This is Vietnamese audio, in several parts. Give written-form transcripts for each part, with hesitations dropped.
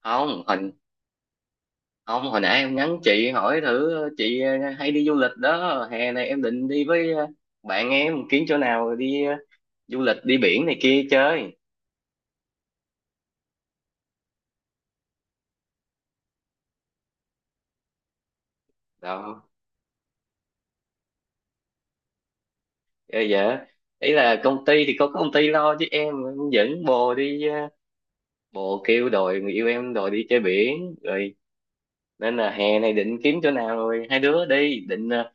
không hồi không, hồi nãy em nhắn chị hỏi thử chị, hay đi du lịch đó. Hè này em định đi với bạn em, kiếm chỗ nào đi du lịch, đi biển này kia chơi đó. Ờ, dạ, ý là công ty thì có công ty lo, chứ em dẫn bồ đi bồ kêu, đòi người yêu em đòi đi chơi biển rồi. Nên là hè này định kiếm chỗ nào rồi hai đứa đi, định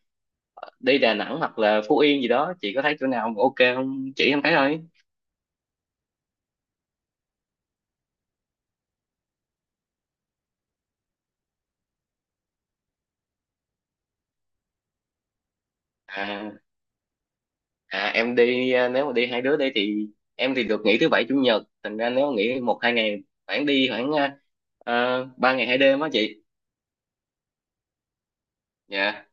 đi Đà Nẵng hoặc là Phú Yên gì đó. Chị có thấy chỗ nào ok không chỉ em thấy thôi. À À em đi, nếu mà đi hai đứa đi thì em thì được nghỉ thứ bảy chủ nhật, thành ra nếu nghỉ 1 2 ngày, khoảng đi khoảng 3 ngày 2 đêm á chị. Dạ,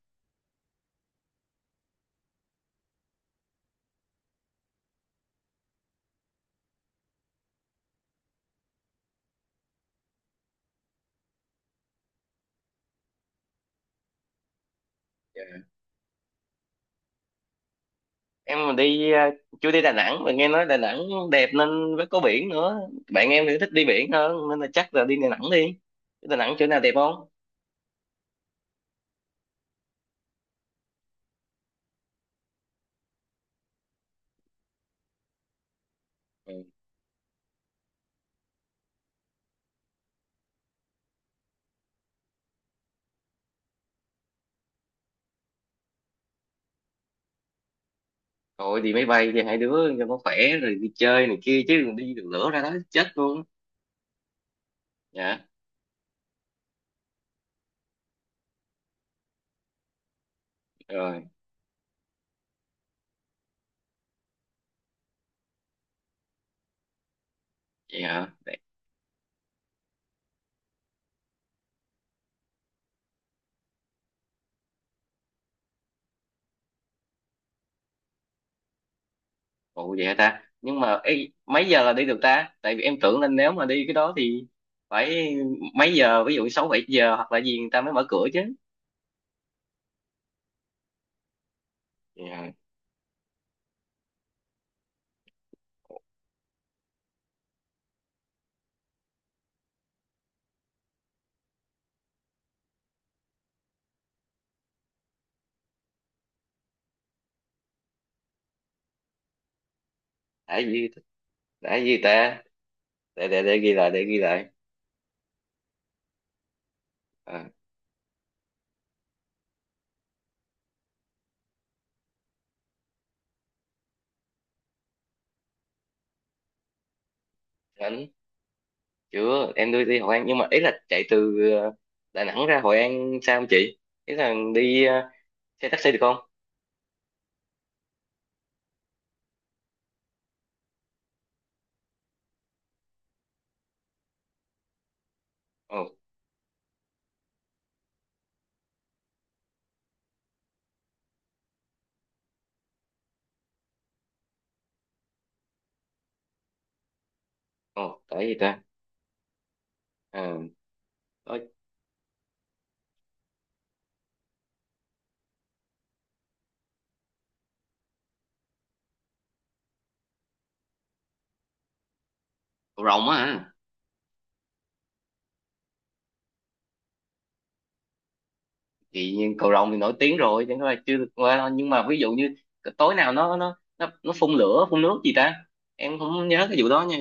em mà đi, chưa đi Đà Nẵng mà nghe nói Đà Nẵng đẹp nên, với có biển nữa, bạn em thì thích đi biển hơn nên là chắc là đi Đà Nẵng đi. Đà Nẵng chỗ nào đẹp không? Ừ. Thôi đi máy bay cho hai đứa cho nó khỏe, rồi đi chơi này kia chứ đi đường lửa ra đó chết luôn á. Dạ. Rồi. Vậy hả? Ủa vậy hả ta? Nhưng mà ê, mấy giờ là đi được ta? Tại vì em tưởng là nếu mà đi cái đó thì phải mấy giờ, ví dụ 6 7 giờ hoặc là gì người ta mới mở cửa chứ. Yeah. Đã gì! Đã gì ta! Để ghi lại, để ghi lại. à, đến Chưa, em đi đi Hội An nhưng mà ý là chạy từ Đà Nẵng ra Hội An sao không chị, ý là đi xe taxi được không? Ồ ồ tại gì ta. Ờ. Ờ, rộng. Rồng á hả? Thì nhiên cầu Rồng thì nổi tiếng rồi, chẳng qua là chưa được qua thôi, nhưng mà ví dụ như tối nào nó phun lửa phun nước gì ta, em không nhớ cái vụ đó nha.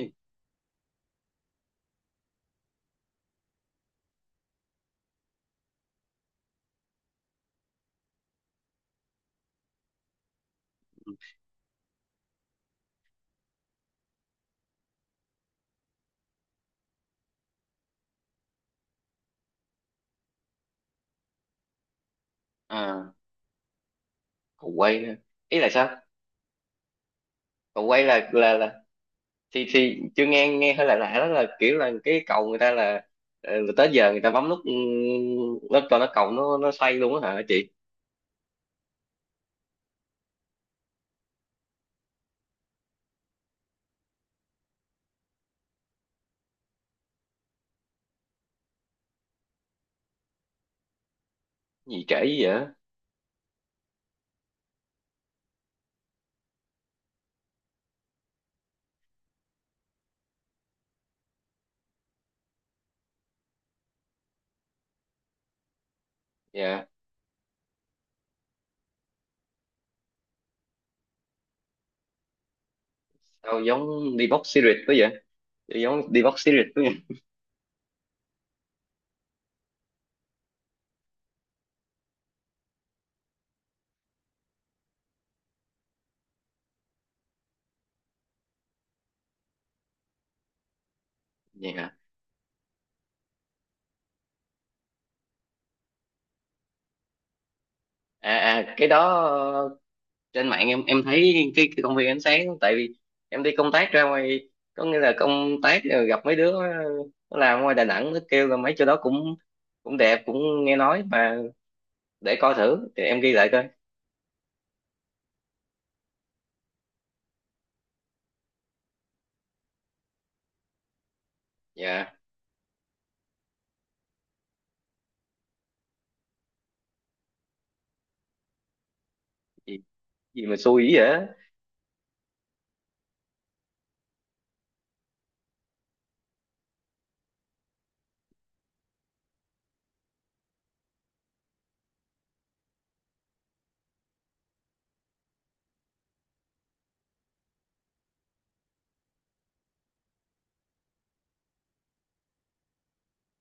à Cầu quay, ý là sao? Cầu quay là, thì chưa nghe, nghe hơi lạ lạ. Đó là kiểu là cái cầu người ta là, là tới giờ người ta bấm nút, ừ, nó cho nó cầu, nó xoay luôn á hả chị? Gì trễ dữ vậy! Dạ. Sao giống đi box series quá vậy! Giống đi box series quá vậy. Dạ. À à, cái đó trên mạng em thấy, cái công viên ánh sáng. Tại vì em đi công tác ra ngoài, có nghĩa là công tác rồi gặp mấy đứa, nó làm ngoài Đà Nẵng, nó kêu là mấy chỗ đó cũng cũng đẹp, cũng nghe nói mà, để coi thử thì em ghi lại coi. Dạ. Gì, gì mà xui dữ vậy á?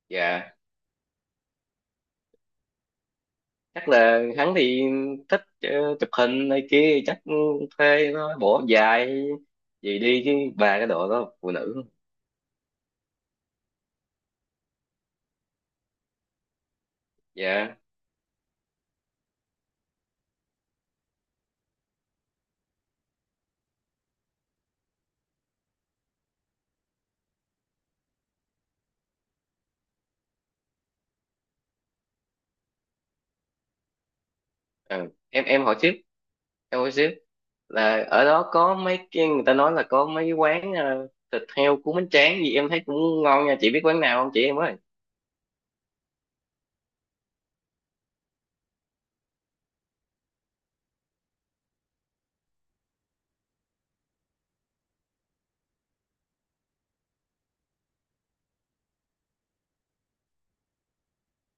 Dạ. Chắc là hắn thì thích, chụp hình này kia chắc. Thuê nó bỏ dài gì đi chứ, ba cái đồ đó phụ nữ. Dạ. Ừ. em hỏi tiếp, em hỏi tiếp, là ở đó có mấy cái người ta nói là có mấy quán, thịt heo cuốn bánh tráng gì em thấy cũng ngon nha. Chị biết quán nào không chị em ơi?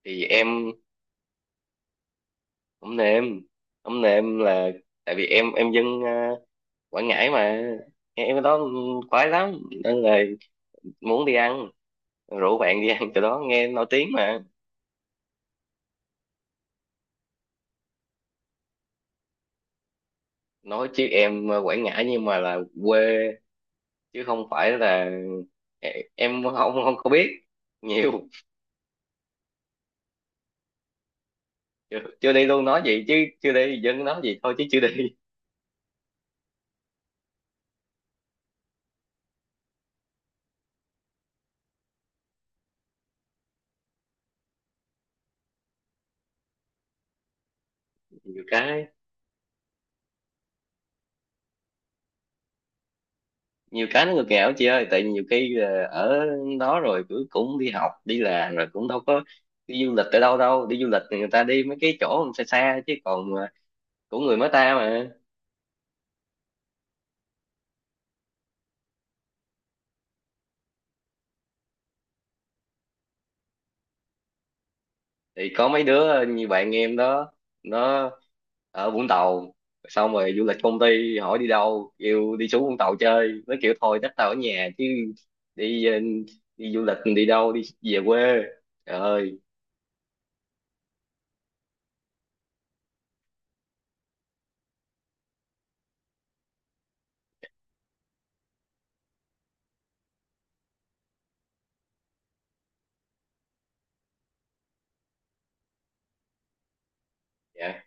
Thì em không nêm, không nêm là tại vì em dân, Quảng Ngãi mà, em ở đó khoái lắm, nên là muốn đi ăn, rủ bạn đi ăn chỗ đó nghe nổi tiếng mà. Nói chứ em, Quảng Ngãi nhưng mà là quê, chứ không phải là em không không không có biết nhiều. Chưa, chưa đi luôn. Nói vậy chứ chưa đi, dân nói vậy thôi chứ chưa đi. Nhiều cái, nhiều cái nó ngược nghèo chị ơi. Tại nhiều khi, ở đó rồi cứ cũng đi học đi làm rồi cũng đâu có đi du lịch ở đâu đâu. Đi du lịch thì người ta đi mấy cái chỗ xa xa chứ còn, của người mới ta mà. Thì có mấy đứa như bạn em đó, nó ở Vũng Tàu, xong rồi du lịch công ty hỏi đi đâu, kêu đi xuống Vũng Tàu chơi, nó kiểu thôi chắc tao ở nhà chứ, đi, đi du lịch đi đâu, đi về quê, trời ơi! Dạ.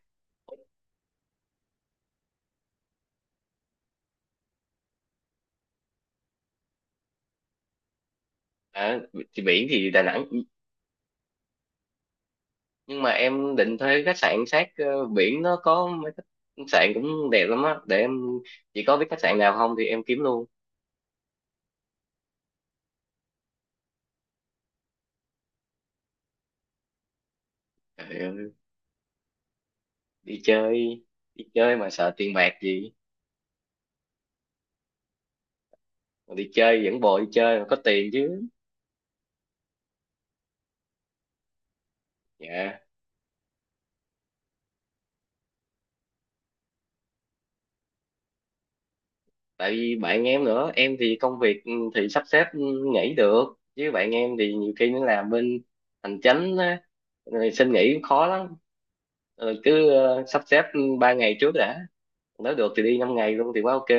À, thì biển thì Đà Nẵng, nhưng mà em định thuê khách sạn sát, biển, nó có mấy khách sạn cũng đẹp lắm á, để em, chỉ có biết khách sạn nào không thì em kiếm luôn. Trời ơi, đi chơi! Đi chơi mà sợ tiền bạc gì, mà đi chơi dẫn bồ đi chơi mà có tiền chứ. Dạ. Tại vì bạn em nữa, em thì công việc, ừ, thì sắp xếp, ừ, nghỉ được, chứ bạn em thì nhiều khi nó làm bên hành chánh á, rồi xin nghỉ cũng khó lắm. Rồi cứ, sắp xếp 3 ngày trước đã, nếu được thì đi 5 ngày luôn thì quá ok.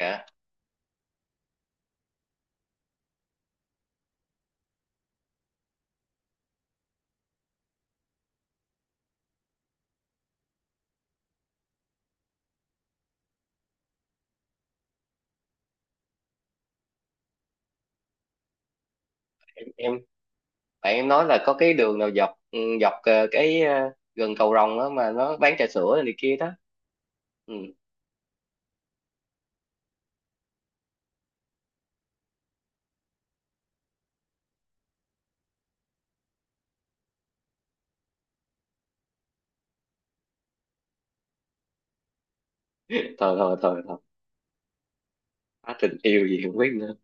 Dạ. Em bạn em nói là có cái đường nào dọc, ừ, dọc, cái, gần cầu Rồng đó mà nó bán trà sữa này kia đó. Ừ. Thôi thôi thôi thôi! Á, tình yêu gì không biết nữa.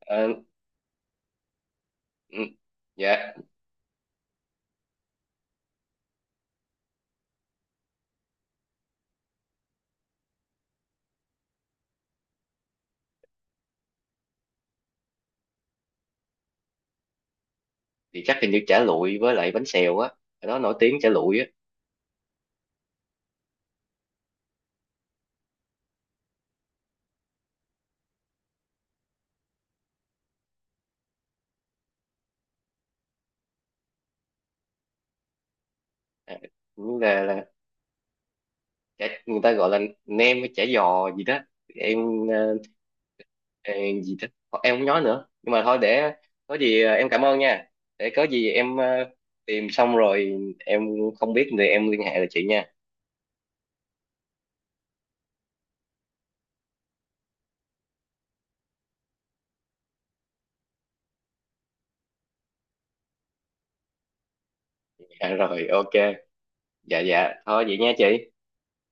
Ờ. Ừ. Dạ. Thì chắc hình như chả lụi với lại bánh xèo á, ở đó nổi tiếng chả lụi á. à, Như là chả, người ta gọi là nem với chả giò gì đó. Em, ê, gì thích. Thôi, em không nói nữa, nhưng mà thôi, để có gì, em cảm ơn nha. Để có gì em, tìm xong rồi em không biết thì em liên hệ lại chị nha. Dạ rồi, ok. Dạ dạ, thôi vậy nha chị.